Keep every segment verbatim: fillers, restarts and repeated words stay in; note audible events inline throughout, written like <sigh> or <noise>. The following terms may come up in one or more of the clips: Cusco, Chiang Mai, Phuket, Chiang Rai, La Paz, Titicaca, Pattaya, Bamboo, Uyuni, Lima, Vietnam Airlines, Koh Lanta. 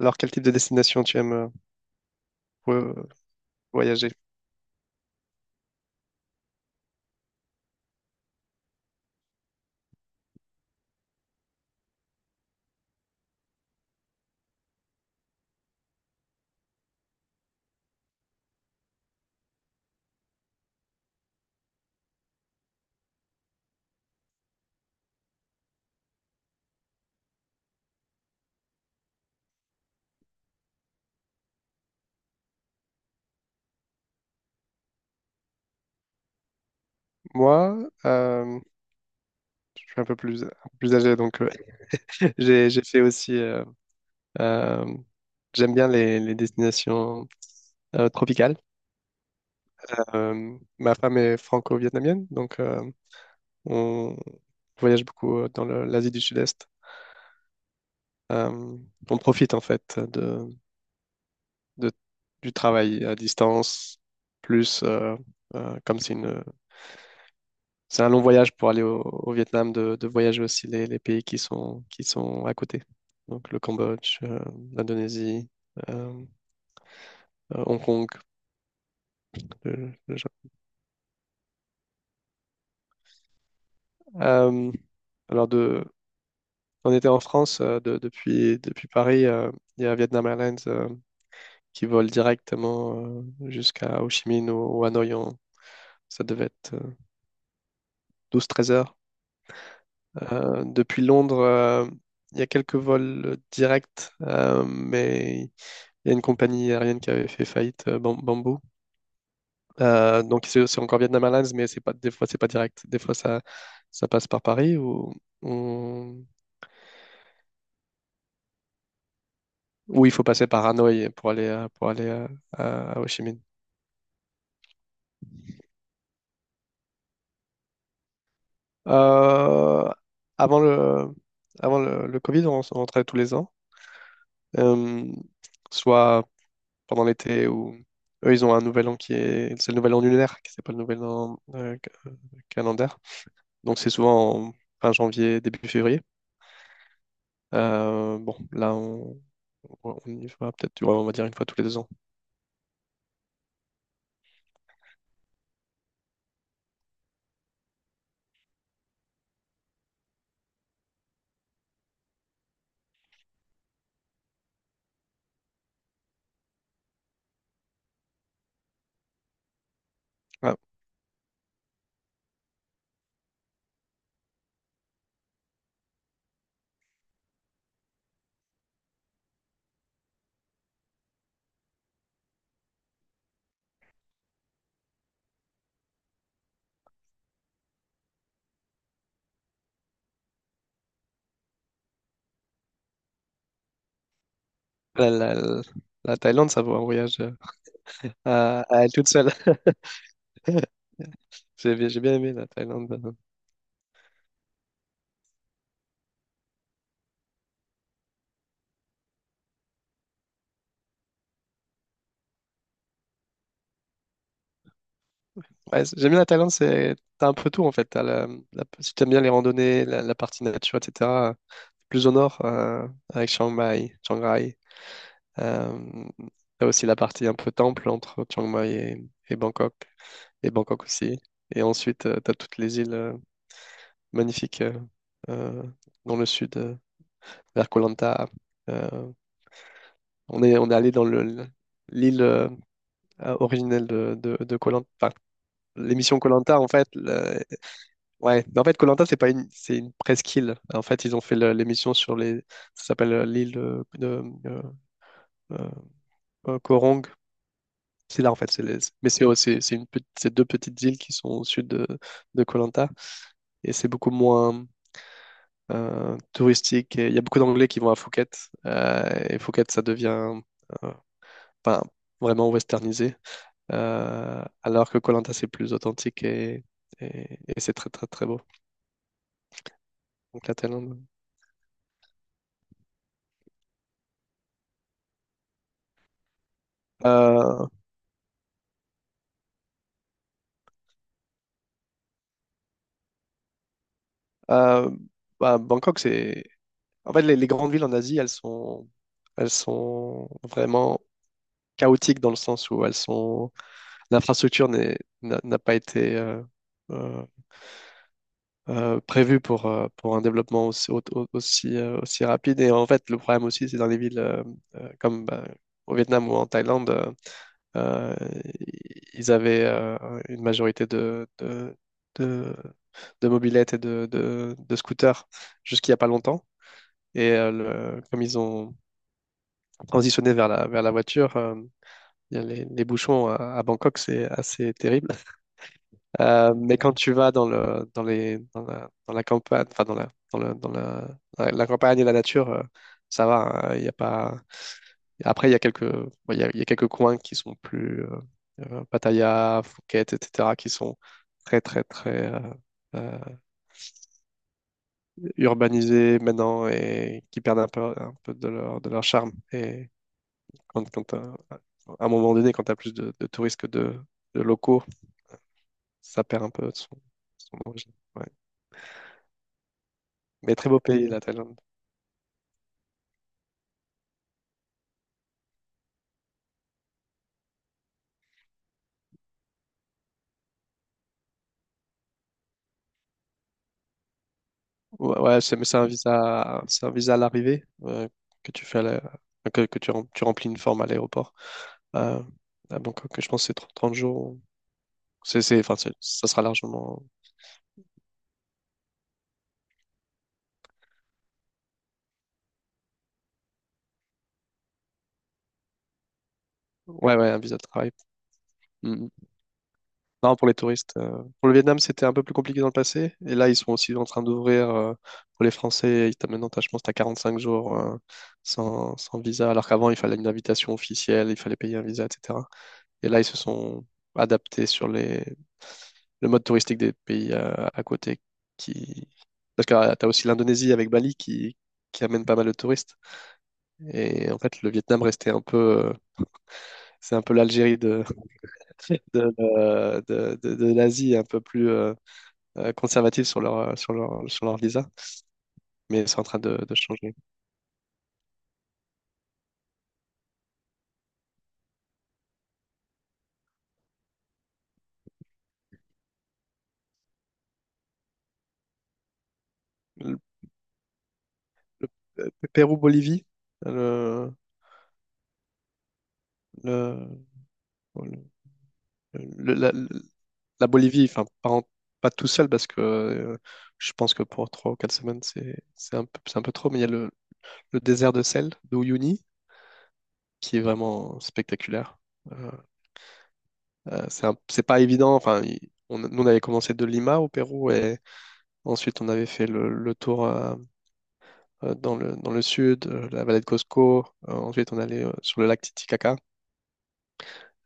Alors, quel type de destination tu aimes euh, pour, euh, voyager? Moi, euh, je suis un peu plus, un peu plus âgé, donc euh, <laughs> j'ai, j'ai fait aussi. euh, euh, J'aime bien les, les destinations euh, tropicales. Euh, ma femme est franco-vietnamienne, donc euh, on voyage beaucoup euh, dans le- l'Asie du Sud-Est. Euh, on profite en fait de, de- du travail à distance, plus euh, euh, comme c'est une c'est un long voyage pour aller au, au Vietnam, de, de voyager aussi les, les pays qui sont, qui sont à côté. Donc le Cambodge, euh, l'Indonésie, euh, euh, Hong Kong, le, le Japon. Euh, alors de, on était en France euh, de- depuis, depuis Paris. euh, Il y a Vietnam Airlines euh, qui vole directement euh, jusqu'à Ho Chi Minh ou, ou Hanoï. en- Ça devait être douze treize heures. Euh, depuis Londres, euh, il y a quelques vols directs, euh, mais il y a une compagnie aérienne qui avait fait faillite, euh, Bam- Bamboo. Euh, donc c'est c'est encore Vietnam Airlines, mais c'est pas, des fois, c'est pas direct. Des fois, ça, ça passe par Paris ou, ou, ou il faut passer par Hanoï pour aller, euh, pour aller euh, à, à Ho Chi Minh. Euh, Avant le, avant le, le Covid, on, se rentrait tous les ans, Euh, soit pendant l'été, ou eux, ils ont un nouvel an qui est, c'est le nouvel an lunaire, qui c'est pas le nouvel an euh, ca- calendaire. Donc c'est souvent en fin janvier, début février. Euh, bon, là, on, on y va peut-être, tu on va dire une fois tous les deux ans. Ah, la, la- la Thaïlande, ça vaut un voyage euh, à, à elle toute seule. <laughs> J'ai bien, j'ai bien aimé la Thaïlande. Ouais, c'est- j'aime bien la Thaïlande, c'est, t'as un peu tout en fait. T'as la, la- si t'aimes bien les randonnées, la, la partie nature, et cetera. Plus au nord, euh, avec Chiang Mai, Chiang Rai. Euh, T'as aussi la partie un peu temple entre Chiang Mai et, et Bangkok, et Bangkok aussi. Et ensuite, euh, t'as toutes les îles. euh, magnifique euh, euh, dans le sud, euh, vers Koh Lanta. Euh, on est, on est allé dans le, le- l'île euh, euh, originelle de, de, de Koh Lanta. Enfin, l'émission Koh Lanta, en fait, le- ouais. Mais en fait, Koh Lanta, c'est pas une, c'est une presqu'île. En fait, ils ont fait le- l'émission sur les, ça s'appelle euh, l'île de, de, euh, euh, euh, Koh. C'est là en fait, c'est les- mais c'est c'est c'est une petite- c'est deux petites îles qui sont au sud de, de Koh Lanta, et c'est beaucoup moins euh, touristique. Et il y a beaucoup d'Anglais qui vont à Phuket. euh, Et Phuket, ça devient euh, enfin, vraiment westernisé. Euh, alors que Koh Lanta, c'est plus authentique et, et- et c'est très, très, très beau. Donc la Thaïlande. Euh, euh, Bah, Bangkok, c'est... En fait, les, les grandes villes en Asie, elles sont, elles sont vraiment chaotiques dans le sens où elles sont... L'infrastructure n'est- n'a n'a pas été... euh, euh, euh, prévu pour, euh, pour un développement aussi, au- au- aussi, euh, aussi rapide. Et en fait, le problème aussi, c'est dans les villes euh, euh, comme bah, au Vietnam ou en Thaïlande, euh, euh, ils avaient euh, une majorité de, de, de, de mobylettes et de, de, de scooters jusqu'il n'y a pas longtemps. Et euh, le- comme ils ont transitionné vers la, vers la voiture, euh, il y a les, les bouchons à, à Bangkok, c'est assez terrible. Euh, mais quand tu vas dans le, dans les, dans la, dans la campagne, enfin dans la, dans le, dans la, la- la campagne et la nature, euh, ça va. Hein, il y a pas. Après, il y a quelques, bon, il y a, il y a quelques coins qui sont plus euh, euh, Pattaya, Phuket, et cetera, qui sont très, très, très euh, euh, urbanisés maintenant et qui perdent un peu, un peu de leur, de leur charme. Et quand, quand, euh, à un moment donné, quand tu as plus de, de touristes que de, de locaux, ça perd un peu de son, son origine. Ouais. Mais très beau pays, la Thaïlande. Ouais, ouais, c'est, mais c'est un visa, c'est un visa à l'arrivée euh, que tu fais à la- que, que tu, rem- tu remplis une forme à l'aéroport. Euh, à Bangkok, je pense que c'est trente trente jours. C'est, c'est, enfin, c'est- ça sera largement. Ouais, ouais, un visa de travail. Mm. Mm. Non, pour les touristes. euh, Pour le Vietnam, c'était un peu plus compliqué dans le passé. Et là, ils sont aussi en train d'ouvrir euh, pour les Français. Ils t'as- Maintenant, t'as- je pense que tu as quarante-cinq jours euh, sans, sans visa. Alors qu'avant, il fallait une invitation officielle, il fallait payer un visa, et cetera. Et là, ils se sont adaptés sur les, le mode touristique des pays euh, à côté qui... Parce que tu as aussi l'Indonésie avec Bali qui, qui amène pas mal de touristes. Et en fait, le Vietnam restait un peu... euh, c'est un peu l'Algérie de, de, euh, de, de- de l'Asie, un peu plus euh, euh, conservative sur leur, euh, sur leur, sur leur visa. Mais c'est en train de, de changer. Le, le- le Pérou-Bolivie, le, le, le- la, la Bolivie, enfin, pas, en- pas tout seul parce que euh, je pense que pour trois ou quatre semaines, c'est c'est un peu, c'est un peu trop, mais il y a le, le désert de sel de Uyuni qui est vraiment spectaculaire. Euh, euh, c'est un- c'est pas évident, enfin, il- on, nous on avait commencé de Lima au Pérou et ensuite on avait fait le, le tour euh, euh, dans le, dans le sud, euh, la vallée de Cosco, euh, ensuite on allait euh, sur le lac Titicaca.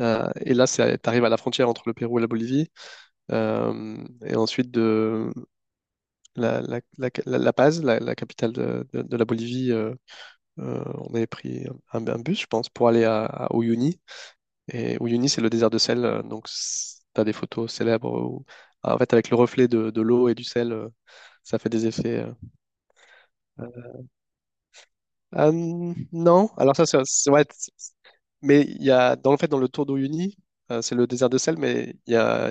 Euh, et là, tu arrives à la frontière entre le Pérou et la Bolivie. Euh, et ensuite, de, la, la, la, la- La Paz, la, la capitale de, de- de la Bolivie, euh, euh, on avait pris un, un bus, je pense, pour aller à, à Uyuni. Et Uyuni, c'est le désert de sel. euh, Donc, tu as des photos célèbres où- ah, en fait, avec le reflet de, de l'eau et du sel, euh, ça fait des effets. euh. Ah, non, alors ça, c'est c'est- ouais. Mais il y a, dans le fait, dans le tour d'Uyuni, euh, c'est le désert de sel, mais il y a,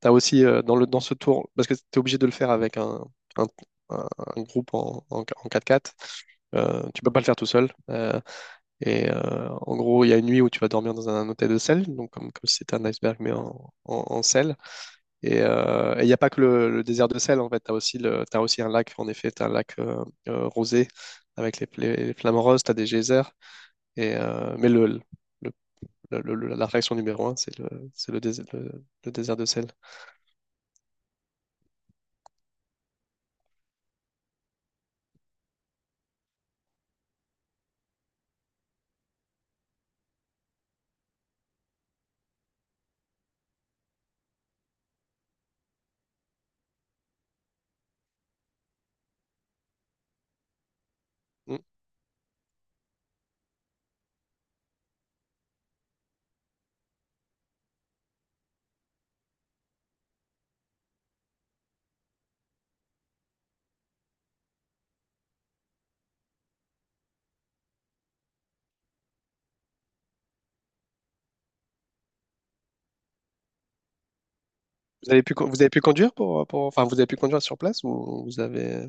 t'as aussi euh, dans le, dans ce tour, parce que tu es obligé de le faire avec un, un, un- un groupe en, en, en quatre x euh, tu peux pas le faire tout seul. Euh, et euh, en gros, il y a une nuit où tu vas dormir dans un hôtel de sel, donc comme, comme si c'était un iceberg, mais en, en, en sel. Et euh, et il n'y a pas que le, le désert de sel, en fait, tu as aussi, le, t'as aussi un lac, en effet, tu as un lac euh, euh, rosé avec les, les, les flamants roses, tu as des geysers. Et, euh, mais le, le le- le- le- la réaction numéro un, c'est le, c'est le, dés- le- le désert de sel. Mm. Vous avez pu, con- vous avez pu conduire pour, pour- enfin, vous avez pu conduire sur place ou vous avez...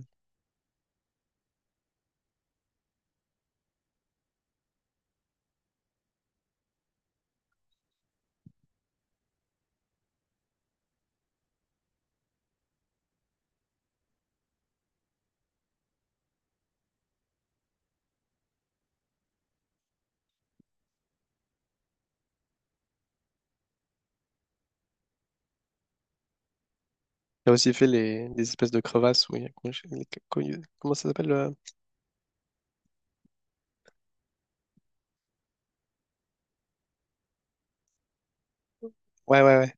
Il a aussi fait les, des espèces de crevasses où il y a... Comment je- les- comment il- comment ça s'appelle? Euh, Ouais, ouais, ouais.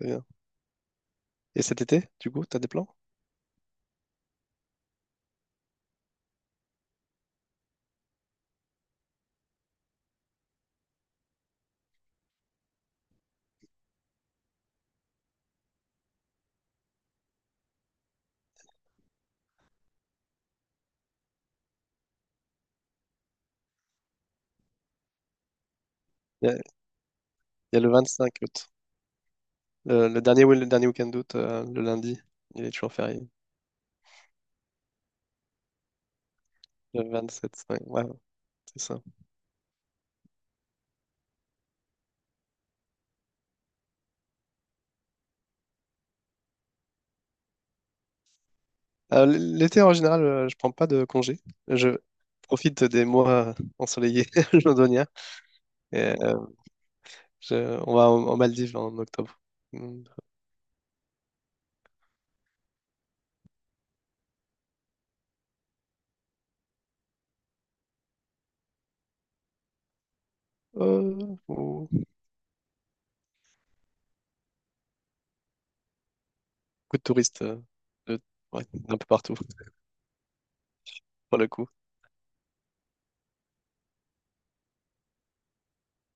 c'est bien. Et cet été, du coup, t'as des plans? Il y a, il y a le vingt-cinq août. Le, le dernier, le dernier week-end d'août, euh, le lundi. Il est toujours férié. Le vingt-sept, ouais, ouais, c'est ça. Euh, L'été, en général, euh, je prends pas de congé. Je profite des mois ensoleillés <laughs> londoniens. Et, euh, je- on va en, en Maldives en octobre. Mm. Euh, ou- Beaucoup de touristes euh, de- ouais, d'un peu partout, pour le coup.